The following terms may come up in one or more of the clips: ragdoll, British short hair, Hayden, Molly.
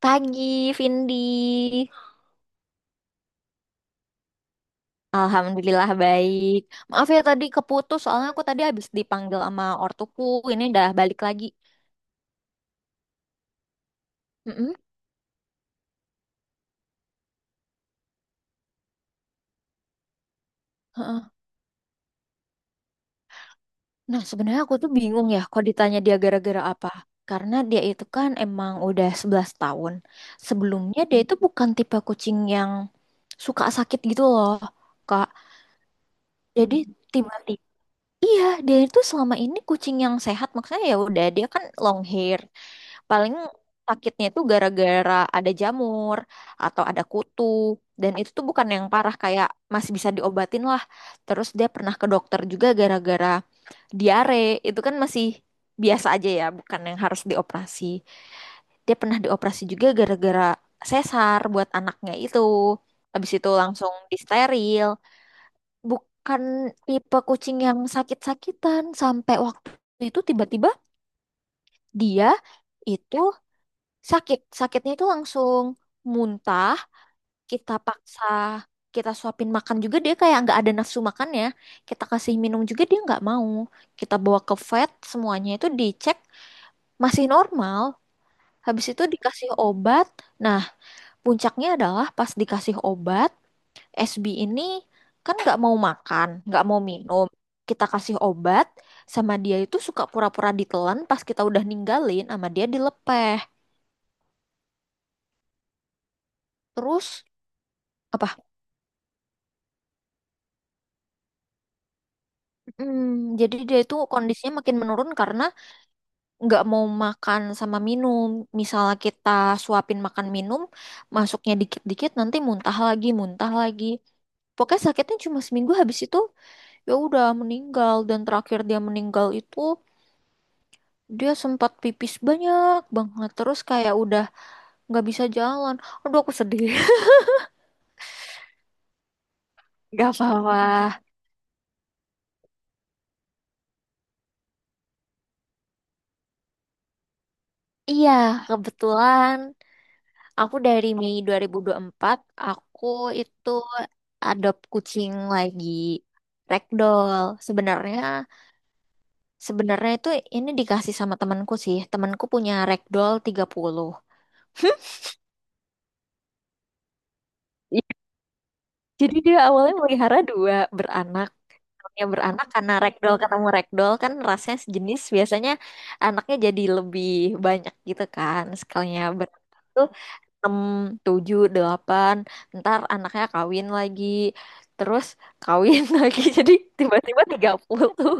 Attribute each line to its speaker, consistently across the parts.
Speaker 1: Pagi, Vindi. Alhamdulillah baik. Maaf ya tadi keputus, soalnya aku tadi habis dipanggil sama ortuku. Ini udah balik lagi. Mm-mm, heeh. Nah, sebenarnya aku tuh bingung ya kalau ditanya dia gara-gara apa. Karena dia itu kan emang udah 11 tahun. Sebelumnya dia itu bukan tipe kucing yang suka sakit gitu loh, Kak. Jadi tiba-tiba iya, dia itu selama ini kucing yang sehat. Maksudnya ya udah, dia kan long hair. Paling sakitnya itu gara-gara ada jamur atau ada kutu. Dan itu tuh bukan yang parah, kayak masih bisa diobatin lah. Terus dia pernah ke dokter juga gara-gara diare. Itu kan masih biasa aja ya, bukan yang harus dioperasi. Dia pernah dioperasi juga gara-gara sesar buat anaknya itu. Habis itu langsung disteril. Bukan tipe kucing yang sakit-sakitan sampai waktu itu tiba-tiba dia itu sakit, sakitnya itu langsung muntah, kita paksa, kita suapin makan juga dia kayak nggak ada nafsu makannya. Kita kasih minum juga dia nggak mau. Kita bawa ke vet, semuanya itu dicek masih normal. Habis itu dikasih obat. Nah, puncaknya adalah pas dikasih obat, SB ini kan nggak mau makan, nggak mau minum. Kita kasih obat, sama dia itu suka pura-pura ditelan pas kita udah ninggalin, sama dia dilepeh. Terus apa? Hmm, jadi dia itu kondisinya makin menurun karena nggak mau makan sama minum. Misalnya kita suapin makan minum, masuknya dikit-dikit, nanti muntah lagi, muntah lagi. Pokoknya sakitnya cuma seminggu, habis itu ya udah meninggal, dan terakhir dia meninggal itu dia sempat pipis banyak banget terus kayak udah nggak bisa jalan. Aduh aku sedih. Gak apa-apa. Iya, kebetulan aku dari Mei 2 2024 aku itu adopt kucing lagi ragdoll. Sebenarnya sebenarnya itu ini dikasih sama temanku sih. Temanku punya ragdoll 30. Iya. Jadi dia awalnya melihara dua beranak. Yang beranak karena ragdoll ketemu ragdoll kan rasnya sejenis, biasanya anaknya jadi lebih banyak gitu kan. Sekalinya beranak tuh 6, 7 delapan. Ntar anaknya kawin lagi. Terus kawin lagi. Jadi tiba-tiba 30.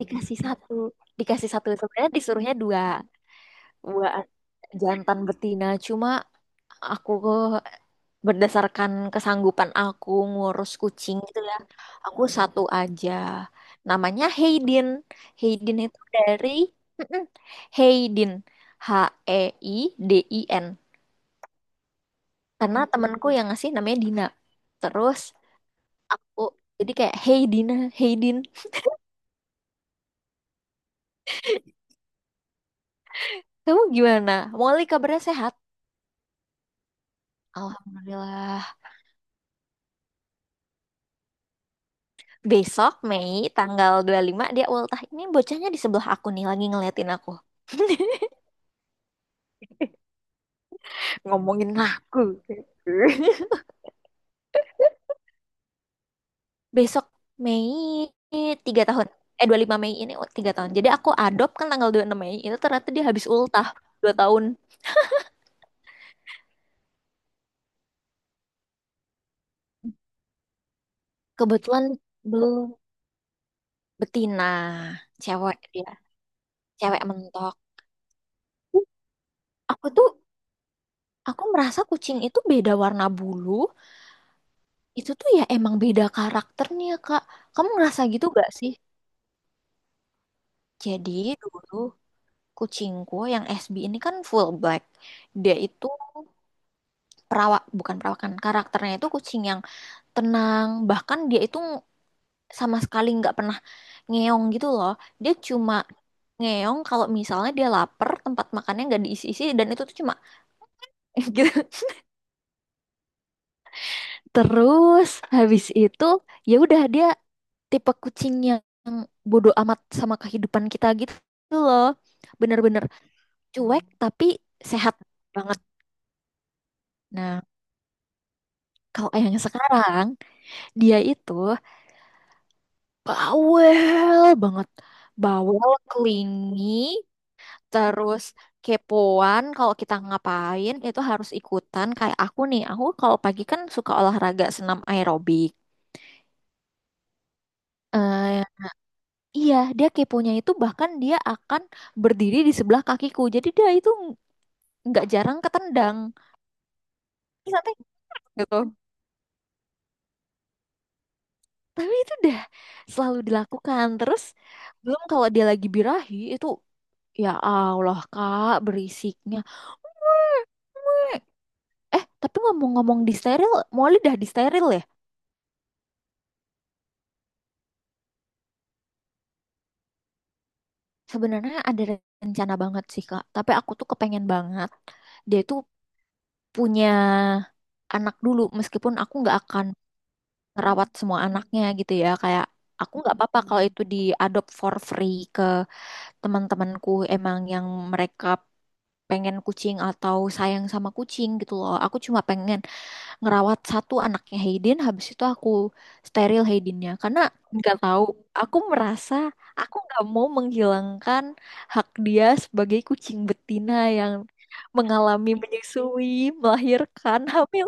Speaker 1: Dikasih satu, dikasih satu sebenarnya disuruhnya dua, dua jantan betina, cuma aku berdasarkan kesanggupan aku ngurus kucing gitu ya, aku satu aja. Namanya Hayden. Hayden itu dari mm-mm. Hayden, H, E, I, D, I, N, karena temanku yang ngasih namanya Dina. Terus oh, jadi kayak Hey Dina, Hayden. Kamu gimana Molly, kabarnya sehat? Alhamdulillah. Besok Mei tanggal 25 dia ultah. Ini bocahnya di sebelah aku nih lagi ngeliatin aku. Ngomongin aku. Besok Mei 3 tahun. Eh 25 Mei ini, oh, 3 tahun. Jadi aku adopt kan tanggal 26 Mei. Itu ternyata dia habis ultah 2 tahun. Kebetulan belum, betina. Cewek dia. Cewek mentok. Aku tuh aku merasa kucing itu beda warna bulu. Itu tuh ya emang beda karakternya, Kak. Kamu ngerasa gitu gak sih? Jadi dulu kucingku yang SB ini kan full black. Dia itu perawak, bukan perawakan. Karakternya itu kucing yang tenang, bahkan dia itu sama sekali nggak pernah ngeong gitu loh. Dia cuma ngeong kalau misalnya dia lapar, tempat makannya nggak diisi-isi, dan itu tuh cuma gitu. Terus habis itu ya udah, dia tipe kucing yang bodoh amat sama kehidupan kita gitu loh. Bener-bener cuek tapi sehat banget. Nah, kalau yang sekarang, dia itu bawel banget. Bawel, clingy, terus kepoan. Kalau kita ngapain itu harus ikutan. Kayak aku nih, aku kalau pagi kan suka olahraga senam aerobik. Eh, iya, dia keponya itu bahkan dia akan berdiri di sebelah kakiku. Jadi dia itu nggak jarang ketendang. Terus nanti gitu. Tapi itu udah selalu dilakukan. Terus belum kalau dia lagi birahi itu, ya Allah Kak berisiknya. Eh, tapi ngomong-ngomong di steril, Molly dah di steril ya? Sebenarnya ada rencana banget sih, Kak. Tapi aku tuh kepengen banget dia tuh punya anak dulu, meskipun aku nggak akan merawat semua anaknya gitu ya. Kayak aku nggak apa-apa kalau itu diadopt for free ke teman-temanku emang yang mereka pengen kucing atau sayang sama kucing gitu loh. Aku cuma pengen ngerawat satu anaknya Hayden, habis itu aku steril Haydennya karena nggak tahu, aku merasa aku nggak mau menghilangkan hak dia sebagai kucing betina yang mengalami menyusui, melahirkan, hamil.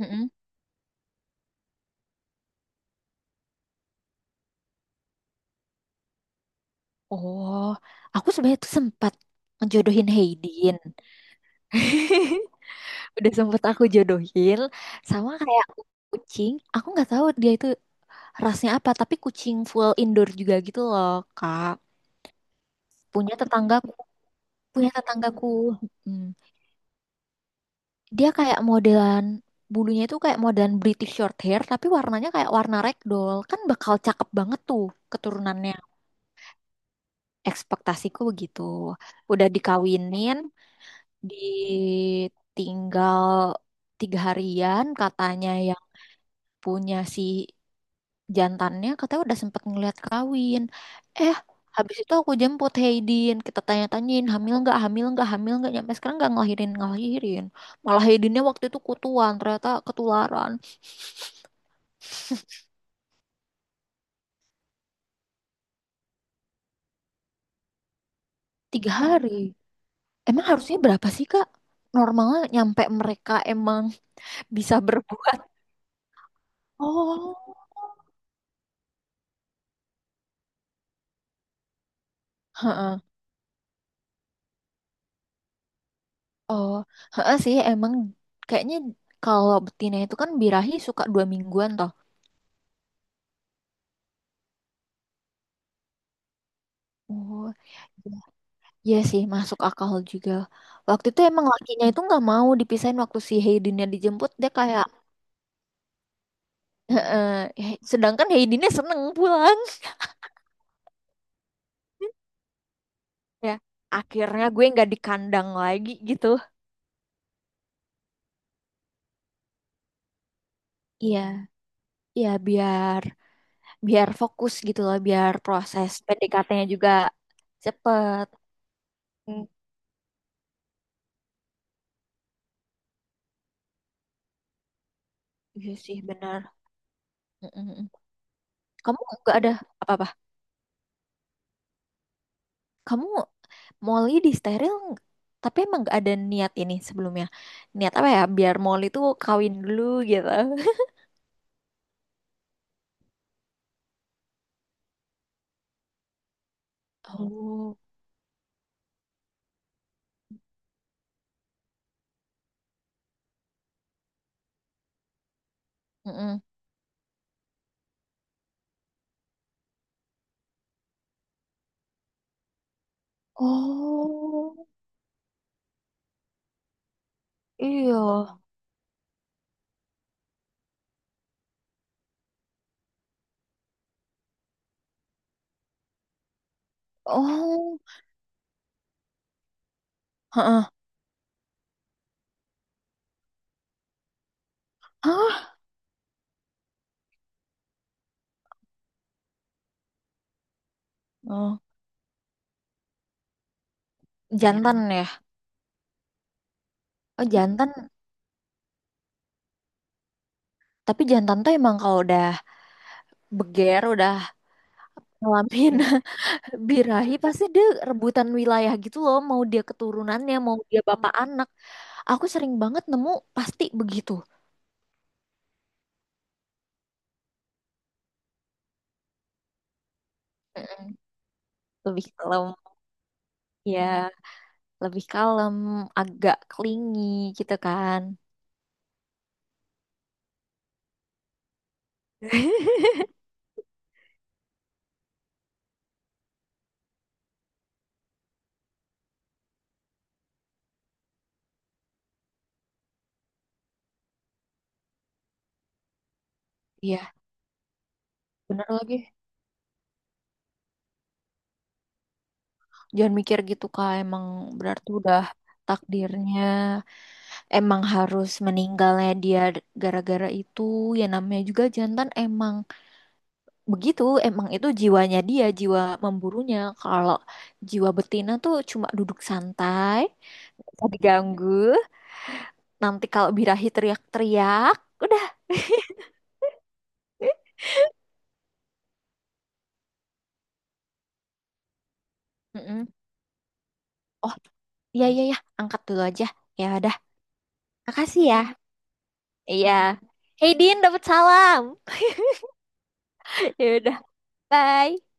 Speaker 1: Mm-mm. Oh, aku sebenarnya tuh sempat ngejodohin Hayden. Udah sempet aku jodohin sama kayak kucing, aku nggak tahu dia itu rasnya apa tapi kucing full indoor juga gitu loh, kak. Punya tetangga, punya tetanggaku. mm, Dia kayak modelan bulunya itu kayak modelan British short hair, tapi warnanya kayak warna ragdoll, kan bakal cakep banget tuh keturunannya. Ekspektasiku begitu. Udah dikawinin, ditinggal 3 harian, katanya yang punya si jantannya katanya udah sempet ngeliat kawin. Eh, habis itu aku jemput Haydin. Kita tanya-tanyain, hamil nggak, hamil nggak, hamil nggak. Nyampe sekarang nggak ngelahirin, ngelahirin. Malah Haydinnya waktu itu kutuan, ternyata ketularan. Tiga hari. Emang harusnya berapa sih, Kak? Normalnya nyampe mereka emang bisa berbuat. Oh, heeh. Oh, heeh sih emang, kayaknya kalau betina itu kan birahi suka 2 mingguan toh. Oh, iya sih, masuk akal juga. Waktu itu emang lakinya itu nggak mau dipisahin waktu si Heidinnya dijemput, dia kayak, "Heeh." He- sedangkan Heidinnya seneng pulang. Ya, akhirnya gue nggak di kandang lagi gitu. Iya, iya biar biar fokus gitu lah, biar proses PDKT-nya juga cepet. Mm, iya sih, benar. Mm, mm, mm. Kamu nggak ada apa-apa? Kamu Molly di steril ng- tapi emang gak ada niat ini sebelumnya. Niat apa ya? Biar Molly tuh kawin dulu gitu. Oh. Mm-mm. Oh, iya. Oh, heeh. Hah? Oh, jantan ya. Oh, jantan. Tapi jantan tuh emang kalau udah beger, udah ngalamin birahi, pasti dia rebutan wilayah gitu loh. Mau dia keturunannya, mau dia bapak anak. Aku sering banget nemu pasti begitu. Mm-mm. Lebih kalau ya. Lebih kalem, agak clingy gitu kan. Iya, bener lagi. Jangan mikir gitu Kak, emang berarti udah takdirnya emang harus meninggalnya dia gara-gara itu. Ya namanya juga jantan emang begitu, emang itu jiwanya dia, jiwa memburunya. Kalau jiwa betina tuh cuma duduk santai, nggak usah diganggu. Nanti kalau birahi teriak-teriak, udah. Mm-mm. Oh, iya iya ya, angkat dulu aja. Ya udah. Makasih ya. Iya. Hey Din, dapat salam. Ya udah, bye.